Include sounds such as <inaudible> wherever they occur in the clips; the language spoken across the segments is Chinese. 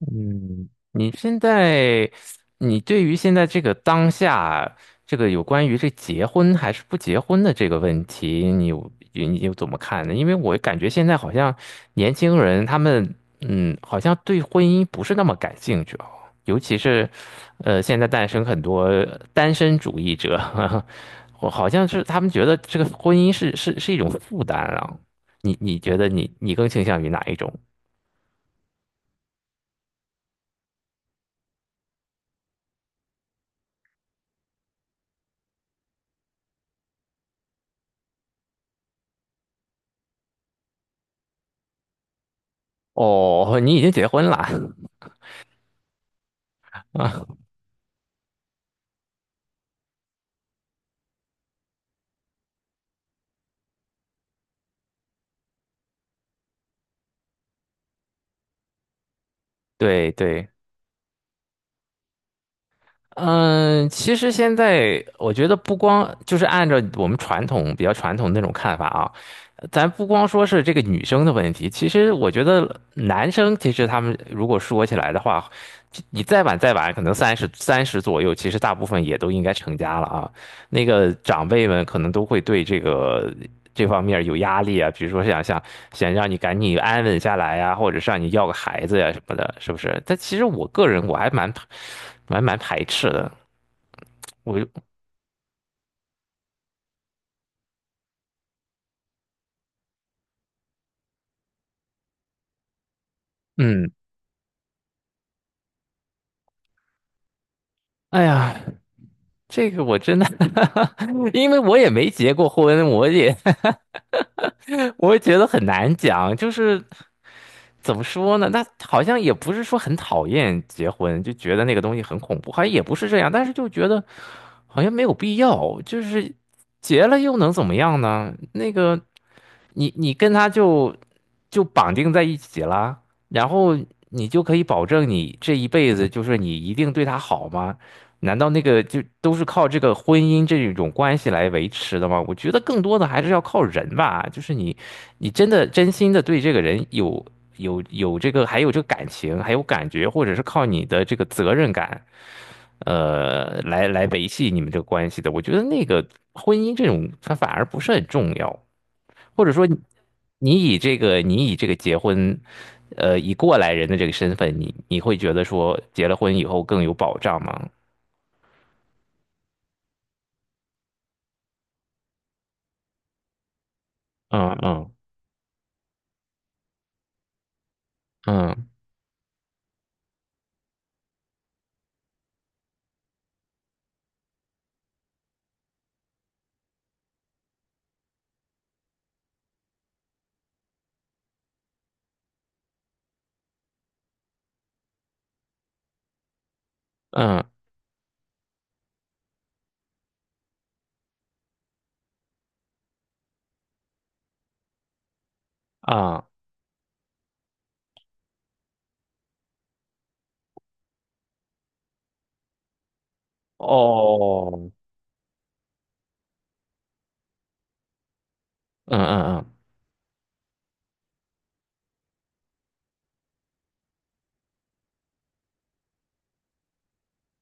嗯，你现在，你对于现在这个当下，这个有关于这结婚还是不结婚的这个问题，你有怎么看呢？因为我感觉现在好像年轻人他们，好像对婚姻不是那么感兴趣哦。尤其是，现在诞生很多单身主义者。<laughs> 我好像是他们觉得这个婚姻是一种负担啊。你觉得你更倾向于哪一种？哦，你已经结婚了。<laughs> 对对。嗯，其实现在我觉得不光就是按照我们传统比较传统的那种看法啊，咱不光说是这个女生的问题，其实我觉得男生其实他们如果说起来的话，你再晚再晚，可能三十左右，其实大部分也都应该成家了啊。那个长辈们可能都会对这个这方面有压力啊，比如说想让你赶紧安稳下来呀、或者是让你要个孩子呀、什么的，是不是？但其实我个人我还蛮排斥的。我嗯，哎呀，这个我真的 <laughs> 因为我也没结过婚，我也 <laughs> 我也觉得很难讲。就是怎么说呢？那好像也不是说很讨厌结婚，就觉得那个东西很恐怖，好像也不是这样，但是就觉得好像没有必要。就是结了又能怎么样呢？那个。你跟他就绑定在一起啦。然后你就可以保证你这一辈子就是你一定对他好吗？难道那个就都是靠这个婚姻这种关系来维持的吗？我觉得更多的还是要靠人吧，就是你真的真心的对这个人有这个还有这个感情，还有感觉，或者是靠你的这个责任感。来维系你们这个关系的，我觉得那个婚姻这种，它反而不是很重要。或者说你你以这个你以这个结婚，以过来人的这个身份，你会觉得说结了婚以后更有保障吗？嗯嗯嗯嗯，啊，哦，嗯嗯嗯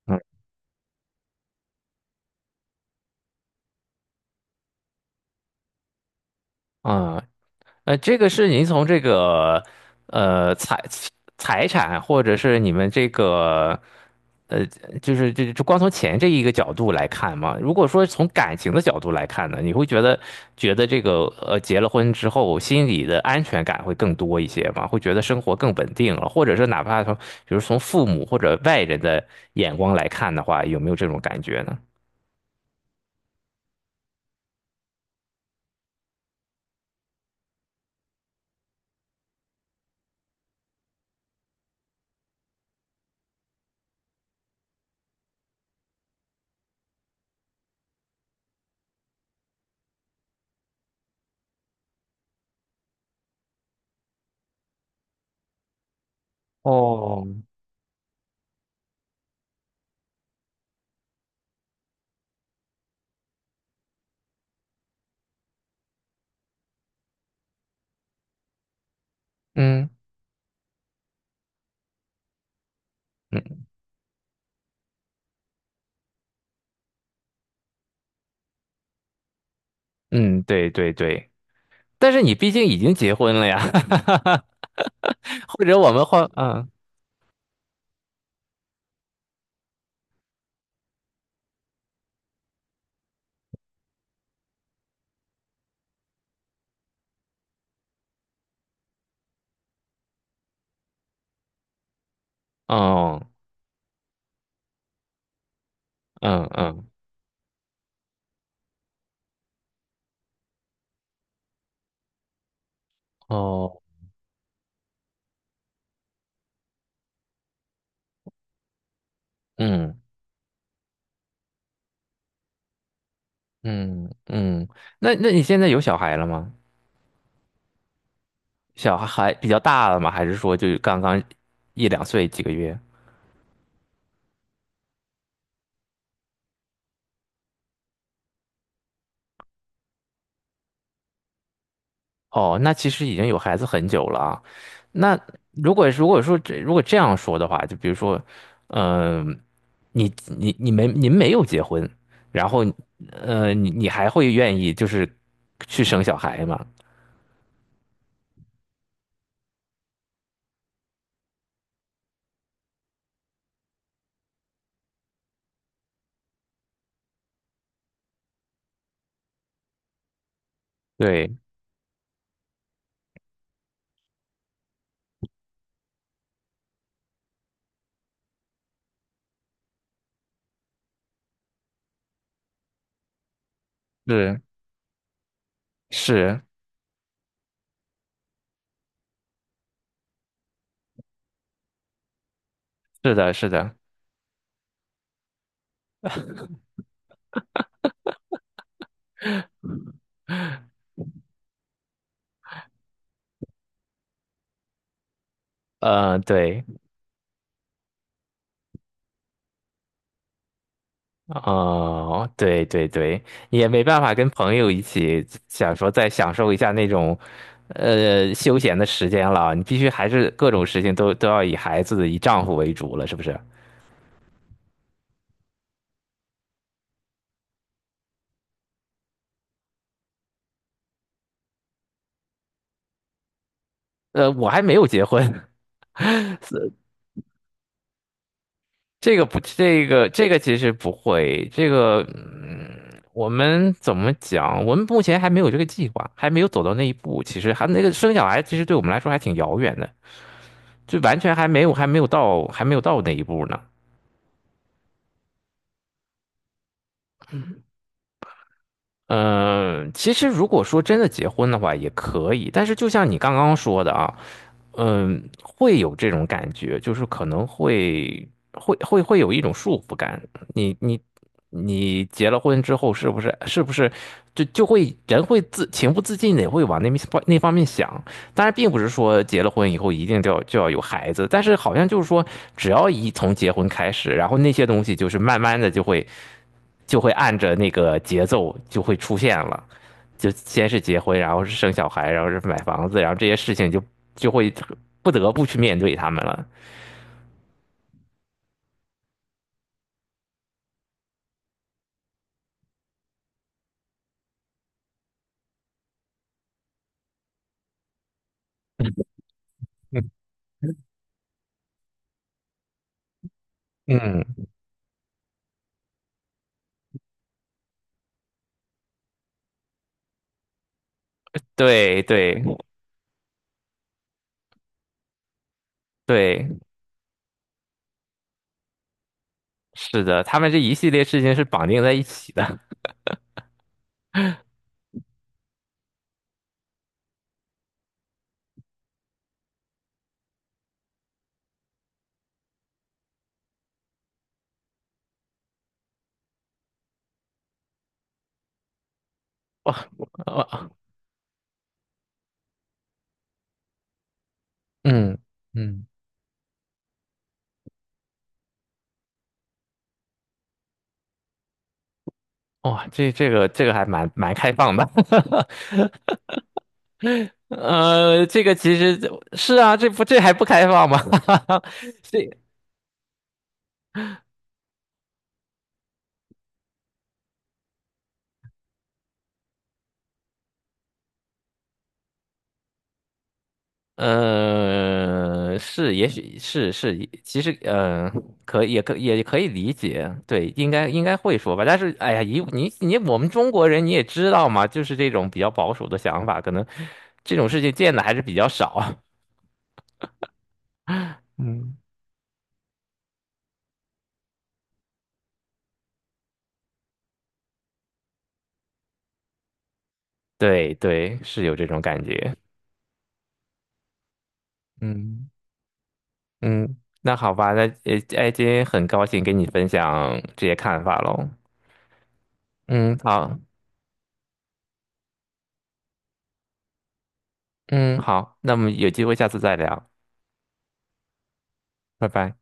嗯嗯。这个是您从这个呃财财产或者是你们这个。呃，就是这光从钱这一个角度来看嘛。如果说从感情的角度来看呢，你会觉得这个结了婚之后心里的安全感会更多一些吗？会觉得生活更稳定了，或者是哪怕从比如父母或者外人的眼光来看的话，有没有这种感觉呢？哦，嗯嗯嗯，对对对。但是你毕竟已经结婚了呀。<laughs> 或者我们换，嗯嗯嗯嗯，哦，嗯。嗯嗯。那你现在有小孩了吗？小孩比较大了吗？还是说就刚刚一两岁几个月？哦，那其实已经有孩子很久了啊。那如果这样说的话，就比如说，嗯、你你你没您没有结婚，然后你还会愿意就是去生小孩吗？对，是是是的，是的。对。哦，对对对。也没办法跟朋友一起想说再享受一下那种，休闲的时间了。你必须还是各种事情都要以孩子、以丈夫为主了，是不是？我还没有结婚。<laughs> 这个不，这个其实不会。我们怎么讲？我们目前还没有这个计划，还没有走到那一步。其实还那个生小孩，其实对我们来说还挺遥远的，就完全还没有到那一步呢。嗯，其实如果说真的结婚的话也可以，但是就像你刚刚说的啊。会有这种感觉，就是可能会有一种束缚感。你你你结了婚之后，是不是就会人会情不自禁的会往那方面想？当然，并不是说结了婚以后一定就要有孩子，但是好像就是说，只要一从结婚开始，然后那些东西就是慢慢的就会按着那个节奏就会出现了。就先是结婚，然后是生小孩，然后是买房子，然后这些事情就会不得不去面对他们了 <laughs>。嗯，<laughs> 对对对，是的，他们这一系列事情是绑定在一起的。哇哇，嗯嗯哇，这个还蛮开放的。<laughs> 这个其实是啊。这还不开放吗？<laughs> 这是，也许是，其实可以理解。对，应该会说吧。但是，哎呀，以你你我们中国人你也知道嘛，就是这种比较保守的想法，可能这种事情见的还是比较少。<laughs> 嗯，对对，是有这种感觉。嗯嗯，那好吧，那，哎，今天很高兴跟你分享这些看法喽。嗯，好。嗯，好，那么有机会下次再聊。拜拜。